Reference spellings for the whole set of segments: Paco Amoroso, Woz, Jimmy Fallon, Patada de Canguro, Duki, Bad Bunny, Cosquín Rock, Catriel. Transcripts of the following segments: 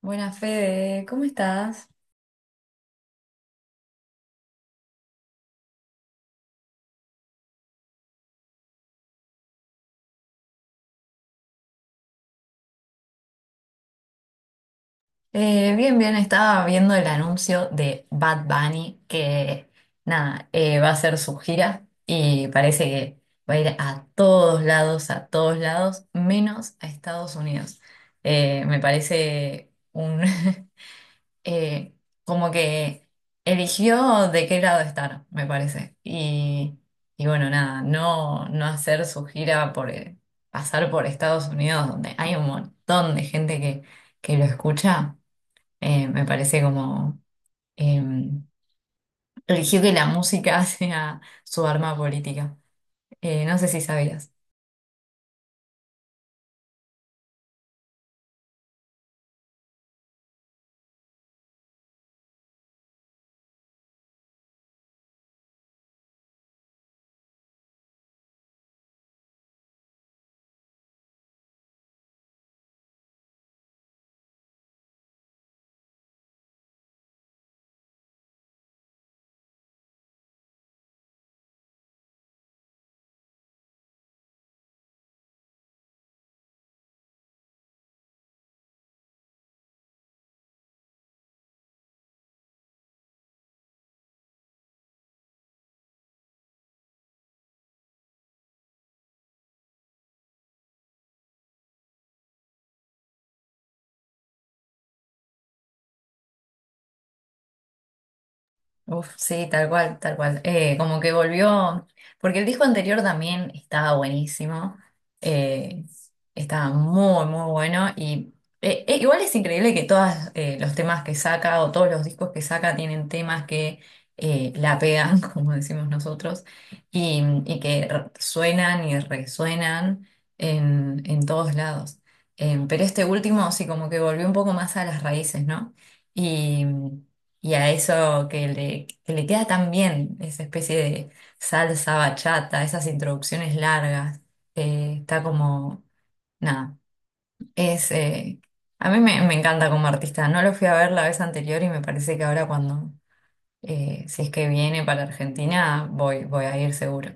Buenas, Fede, ¿cómo estás? Bien, bien, estaba viendo el anuncio de Bad Bunny que, nada, va a hacer su gira y parece que va a ir a todos lados, menos a Estados Unidos. Me parece un, eh, como que eligió de qué lado estar, me parece. Y bueno, nada, no hacer su gira por, pasar por Estados Unidos, donde hay un montón de gente que lo escucha. Me parece como eh, eligió que la música sea su arma política. No sé si sabías. Uf, sí, tal cual, tal cual. Como que volvió, porque el disco anterior también estaba buenísimo, eh, estaba muy, muy bueno y igual es increíble que todos los temas que saca o todos los discos que saca tienen temas que la pegan, como decimos nosotros, y que suenan y resuenan en todos lados. Pero este último sí, como que volvió un poco más a las raíces, ¿no? Y... Y a eso que le queda tan bien, esa especie de salsa bachata, esas introducciones largas. Está como, nada, es, A mí me encanta como artista, no lo fui a ver la vez anterior y me parece que ahora, si es que viene para Argentina, voy, voy a ir seguro.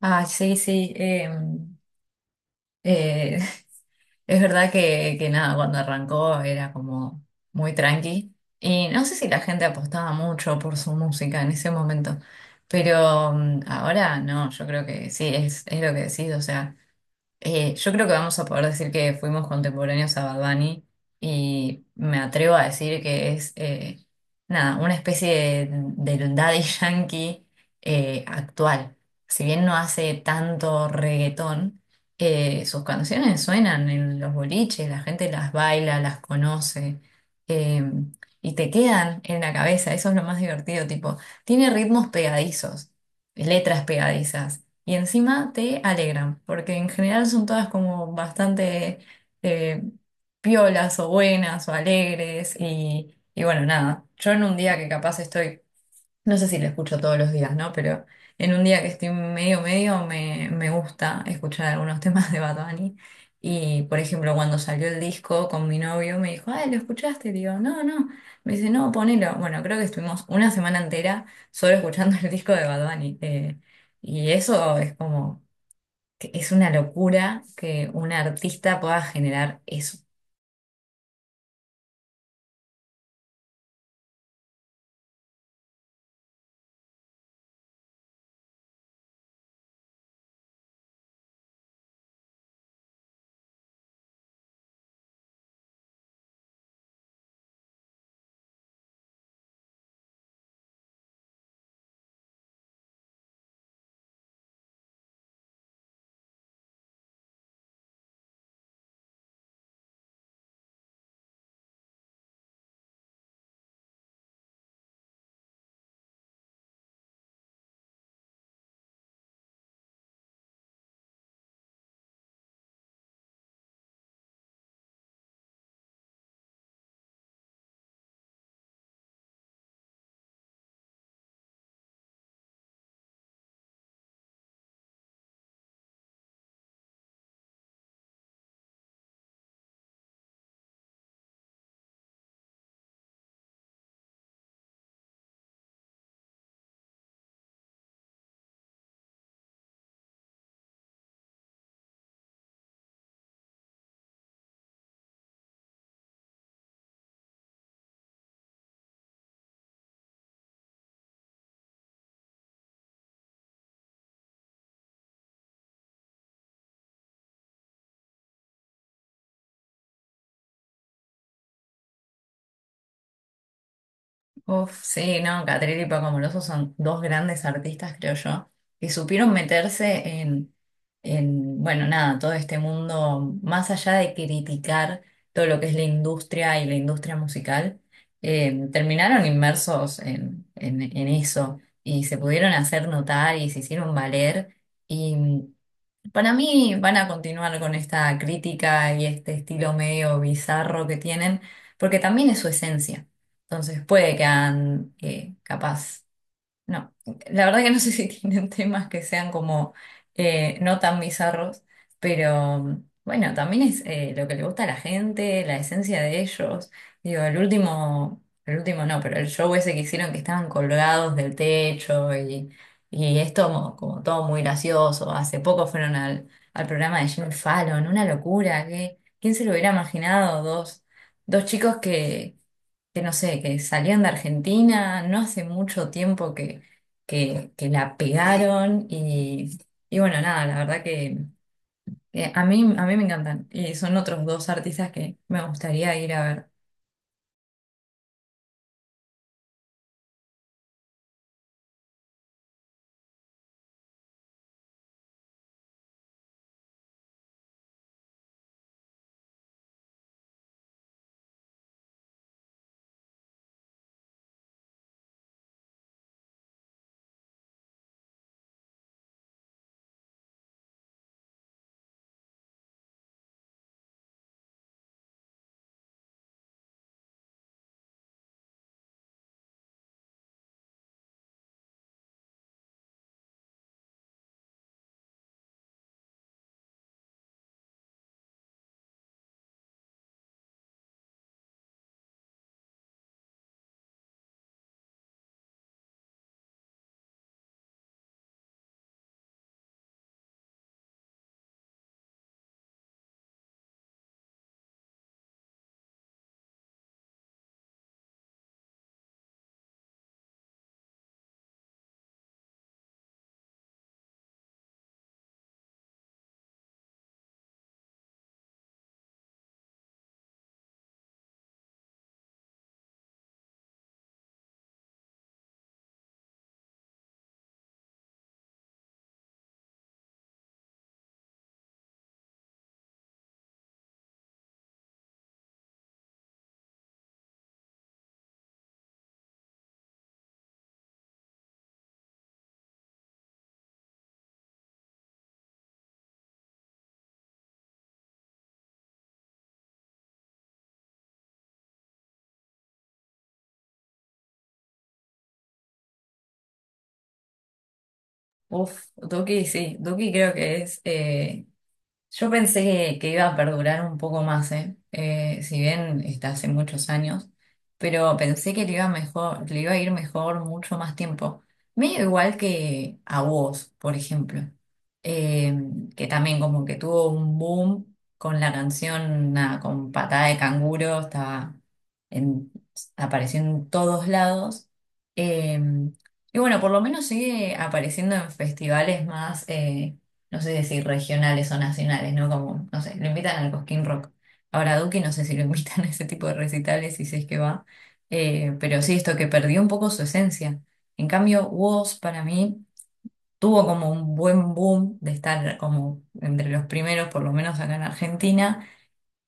Ah, sí, sí, eh, es verdad que nada, cuando arrancó era como muy tranqui. Y no sé si la gente apostaba mucho por su música en ese momento, pero ahora no, yo creo que sí, es lo que decís, o sea. Yo creo que vamos a poder decir que fuimos contemporáneos a Bad Bunny y me atrevo a decir que es, nada, una especie de Daddy Yankee actual. Si bien no hace tanto reggaetón, sus canciones suenan en los boliches, la gente las baila, las conoce, eh, y te quedan en la cabeza. Eso es lo más divertido, tipo, tiene ritmos pegadizos, letras pegadizas y encima te alegran, porque en general son todas como bastante eh, piolas o buenas o alegres y bueno, nada, yo en un día que capaz estoy, no sé si lo escucho todos los días, ¿no? Pero en un día que estoy medio me, me gusta escuchar algunos temas de Bad Bunny. Y por ejemplo, cuando salió el disco con mi novio me dijo, ay, ¿lo escuchaste? Y digo, no, no. Me dice, no, ponelo. Bueno, creo que estuvimos una semana entera solo escuchando el disco de Bad Bunny. Y eso es como, que es una locura que un artista pueda generar eso. Uf, sí, no, Catriel y Paco Amoroso son dos grandes artistas, creo yo, que supieron meterse bueno, nada, todo este mundo, más allá de criticar todo lo que es la industria y la industria musical. Terminaron inmersos en eso y se pudieron hacer notar y se hicieron valer. Y para mí van a continuar con esta crítica y este estilo medio bizarro que tienen, porque también es su esencia. Entonces puede que hagan, capaz. No, la verdad que no sé si tienen temas que sean como no tan bizarros, pero bueno, también es lo que le gusta a la gente, la esencia de ellos. Digo, el último no, pero el show ese que hicieron que estaban colgados del techo y es todo como todo muy gracioso. Hace poco fueron al programa de Jimmy Fallon, una locura. Que ¿quién se lo hubiera imaginado? Dos, dos chicos que no sé, que salían de Argentina, no hace mucho tiempo que la pegaron y bueno, nada, la verdad que a mí me encantan y son otros dos artistas que me gustaría ir a ver. Uf, Duki sí, Duki creo que es, yo pensé que iba a perdurar un poco más, ¿eh? Si bien está hace muchos años, pero pensé que le iba mejor, le iba a ir mejor mucho más tiempo. Medio igual que a vos, por ejemplo. Eh, que también como que tuvo un boom con la canción, nada, con Patada de Canguro, estaba en, apareciendo en todos lados. Eh, y bueno, por lo menos sigue apareciendo en festivales más, no sé si regionales o nacionales, ¿no? Como, no sé, lo invitan al Cosquín Rock. Ahora a Duki no sé si lo invitan a ese tipo de recitales y si es que va. Pero sí, esto que perdió un poco su esencia. En cambio, Woz para mí tuvo como un buen boom de estar como entre los primeros, por lo menos acá en Argentina,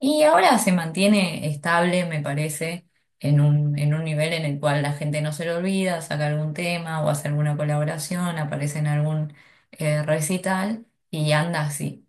y ahora se mantiene estable, me parece, en un nivel en el cual la gente no se lo olvida, saca algún tema o hace alguna colaboración, aparece en algún recital y anda así.